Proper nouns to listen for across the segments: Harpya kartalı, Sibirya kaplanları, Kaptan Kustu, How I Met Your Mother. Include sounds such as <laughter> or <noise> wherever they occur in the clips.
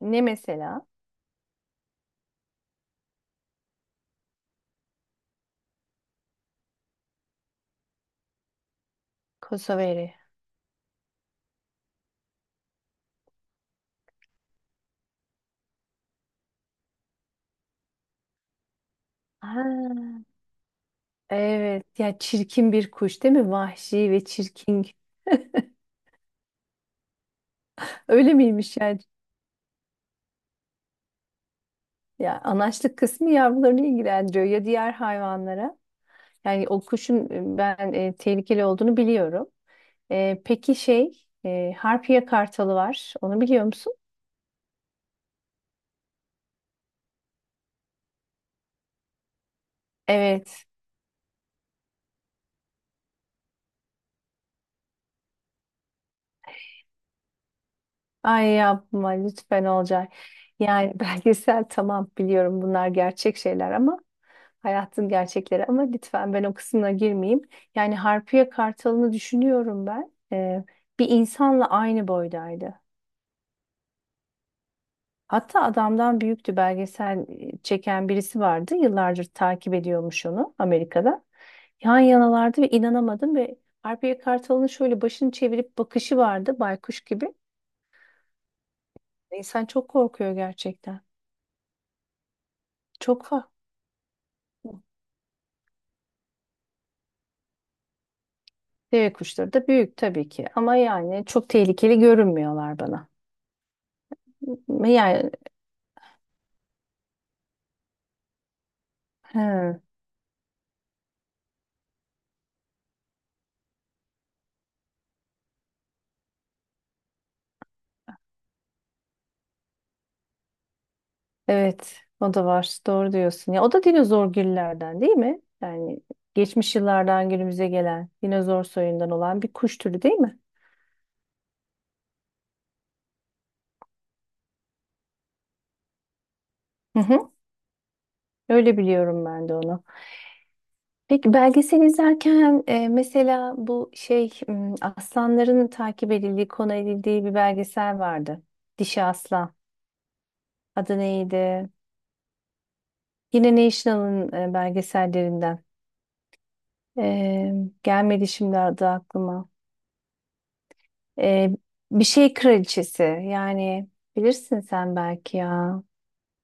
Ne mesela? Kosoveri. Ha, evet ya çirkin bir kuş değil mi? Vahşi ve çirkin. Öyle miymiş yani? Ya anaçlık kısmı yavrularını ilgilendiriyor ya diğer hayvanlara. Yani o kuşun ben tehlikeli olduğunu biliyorum. Peki şey Harpya kartalı var. Onu biliyor musun? Evet. Ay yapma lütfen olacak. Yani <laughs> belgesel tamam biliyorum bunlar gerçek şeyler ama hayatın gerçekleri ama lütfen ben o kısmına girmeyeyim. Yani Harpiye Kartal'ını düşünüyorum ben. Bir insanla aynı boydaydı. Hatta adamdan büyüktü belgesel çeken birisi vardı. Yıllardır takip ediyormuş onu Amerika'da. Yan yanalardı ve inanamadım ve Harpiye Kartal'ın şöyle başını çevirip bakışı vardı baykuş gibi. İnsan çok korkuyor gerçekten. Çok farklı. Deve kuşları da büyük tabii ki ama yani çok tehlikeli görünmüyorlar bana. Yani he. Evet, o da var. Doğru diyorsun. Ya o da dinozor gillerden değil mi? Yani geçmiş yıllardan günümüze gelen dinozor soyundan olan bir kuş türü değil mi? Hı hı. Öyle biliyorum ben de onu. Peki belgesel izlerken mesela bu şey aslanların takip edildiği, konu edildiği bir belgesel vardı. Dişi Aslan. Adı neydi? Yine National'ın belgesellerinden. E, gelmedi şimdi adı aklıma. Ee, bir şey kraliçesi yani bilirsin sen belki ya.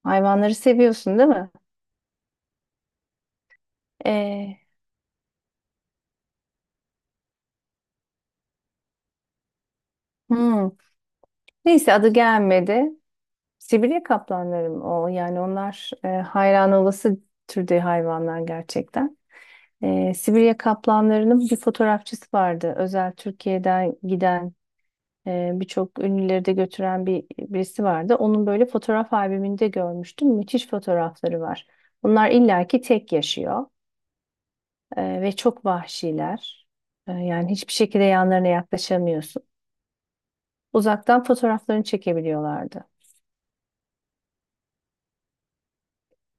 Hayvanları seviyorsun değil mi? Ee, hmm. Neyse adı gelmedi. Sibirya kaplanları o? Yani onlar hayran olası türde hayvanlar gerçekten. Sibirya kaplanlarının bir fotoğrafçısı vardı. Özel Türkiye'den giden birçok ünlüleri de götüren bir birisi vardı. Onun böyle fotoğraf albümünde görmüştüm. Müthiş fotoğrafları var. Bunlar illaki tek yaşıyor. Ve çok vahşiler. Yani hiçbir şekilde yanlarına yaklaşamıyorsun. Uzaktan fotoğraflarını çekebiliyorlardı.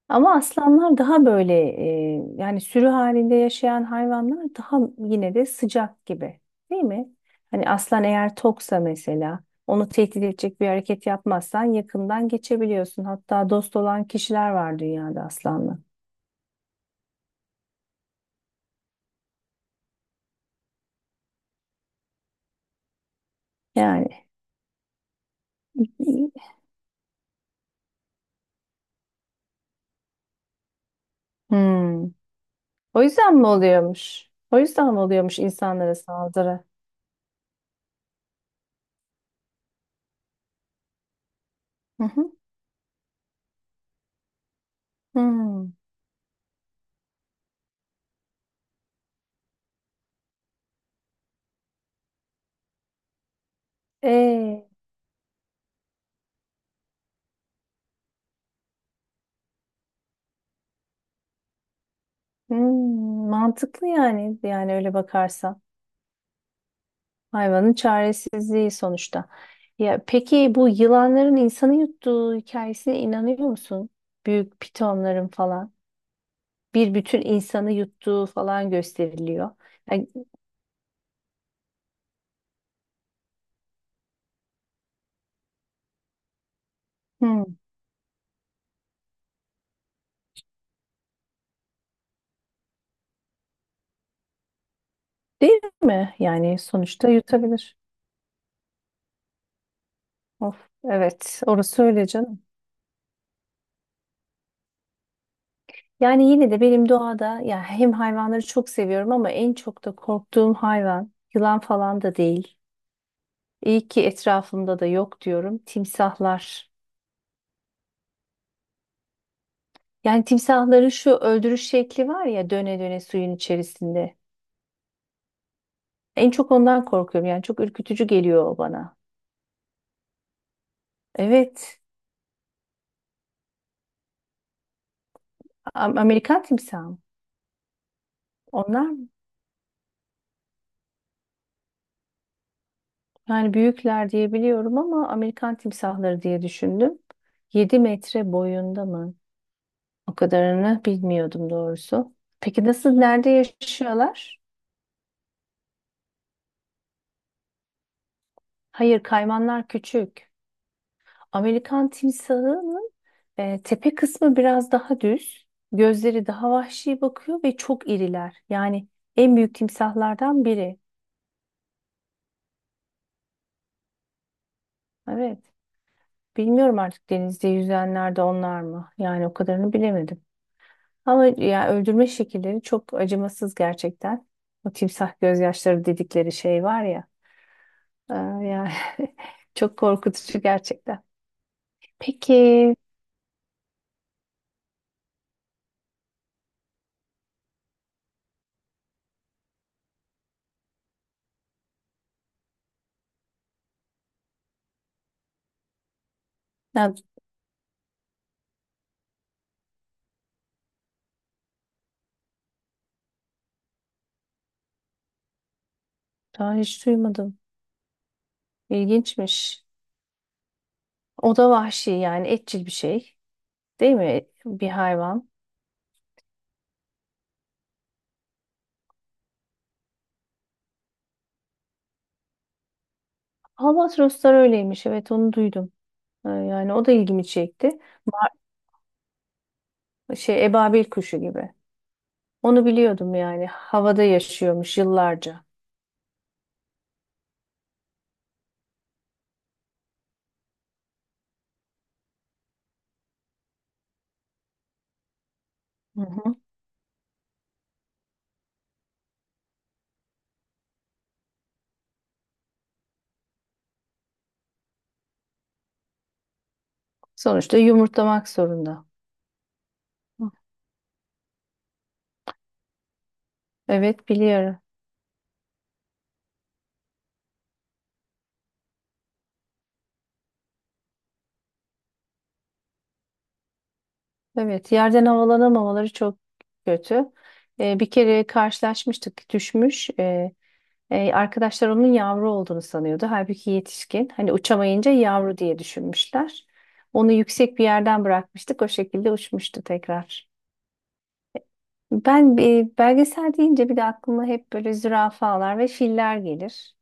Ama aslanlar daha böyle yani sürü halinde yaşayan hayvanlar daha yine de sıcak gibi, değil mi? Hani aslan eğer toksa mesela onu tehdit edecek bir hareket yapmazsan yakından geçebiliyorsun. Hatta dost olan kişiler var dünyada aslanla. Yani hmm. O yüzden mi oluyormuş? O yüzden mi oluyormuş insanlara saldırı? Hı hı. Hmm. E, hmm, mantıklı yani öyle bakarsan. Hayvanın çaresizliği sonuçta. Ya peki bu yılanların insanı yuttuğu hikayesine inanıyor musun? Büyük pitonların falan bir bütün insanı yuttuğu falan gösteriliyor. Yani, hmm, değil mi? Yani sonuçta yutabilir. Of, evet, orası öyle canım. Yani yine de benim doğada ya hem hayvanları çok seviyorum ama en çok da korktuğum hayvan yılan falan da değil. İyi ki etrafımda da yok diyorum. Timsahlar. Yani timsahların şu öldürüş şekli var ya döne döne suyun içerisinde. En çok ondan korkuyorum. Yani çok ürkütücü geliyor o bana. Evet. Amerikan timsahı mı? Onlar mı? Yani büyükler diye biliyorum ama Amerikan timsahları diye düşündüm. 7 metre boyunda mı? O kadarını bilmiyordum doğrusu. Peki nasıl, nerede yaşıyorlar? Hayır, kaymanlar küçük. Amerikan timsahının tepe kısmı biraz daha düz, gözleri daha vahşi bakıyor ve çok iriler. Yani en büyük timsahlardan biri. Evet. Bilmiyorum artık denizde yüzenler de onlar mı? Yani o kadarını bilemedim. Ama ya öldürme şekilleri çok acımasız gerçekten. O timsah gözyaşları dedikleri şey var ya. e, yani <laughs> çok korkutucu gerçekten. Peki, ben daha hiç duymadım. İlginçmiş. O da vahşi yani etçil bir şey. Değil mi? Bir hayvan. Albatroslar öyleymiş. Evet onu duydum. Yani o da ilgimi çekti. Şey ebabil kuşu gibi. Onu biliyordum yani. Havada yaşıyormuş yıllarca. Hı hı. Sonuçta yumurtlamak zorunda. Hı. Evet biliyorum. Evet, yerden havalanamamaları çok kötü. Bir kere karşılaşmıştık, düşmüş. Arkadaşlar onun yavru olduğunu sanıyordu. Halbuki yetişkin. Hani uçamayınca yavru diye düşünmüşler. Onu yüksek bir yerden bırakmıştık. O şekilde uçmuştu tekrar. Ben belgesel deyince bir de aklıma hep böyle zürafalar ve filler gelir.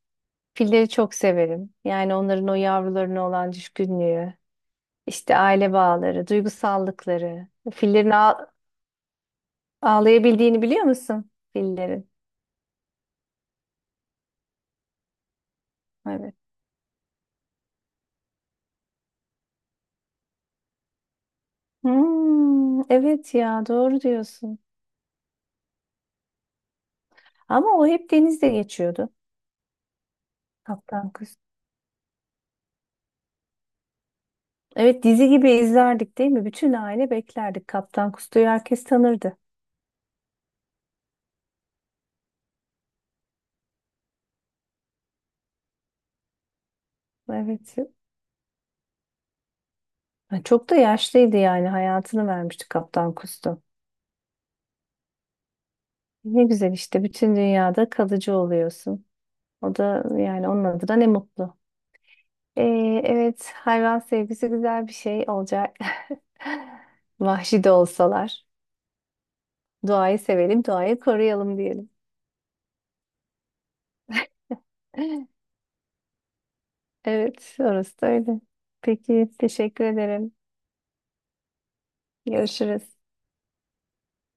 Filleri çok severim. Yani onların o yavrularına olan düşkünlüğü, işte aile bağları, duygusallıkları. Ağlayabildiğini biliyor musun? Fillerin. Evet. Hmm, evet ya doğru diyorsun. Ama o hep denizde geçiyordu. Kaptan Kustu. Evet dizi gibi izlerdik değil mi? Bütün aile beklerdik. Kaptan Kustu'yu herkes tanırdı. Evet. Ha, çok da yaşlıydı yani hayatını vermişti Kaptan Kustu. Ne güzel işte bütün dünyada kalıcı oluyorsun. O da yani onun adına ne mutlu. Ee, evet hayvan sevgisi güzel bir şey olacak. <laughs> Vahşi de olsalar. Doğayı sevelim, doğayı koruyalım diyelim. <laughs> Evet, orası da öyle. Peki, teşekkür ederim. Görüşürüz.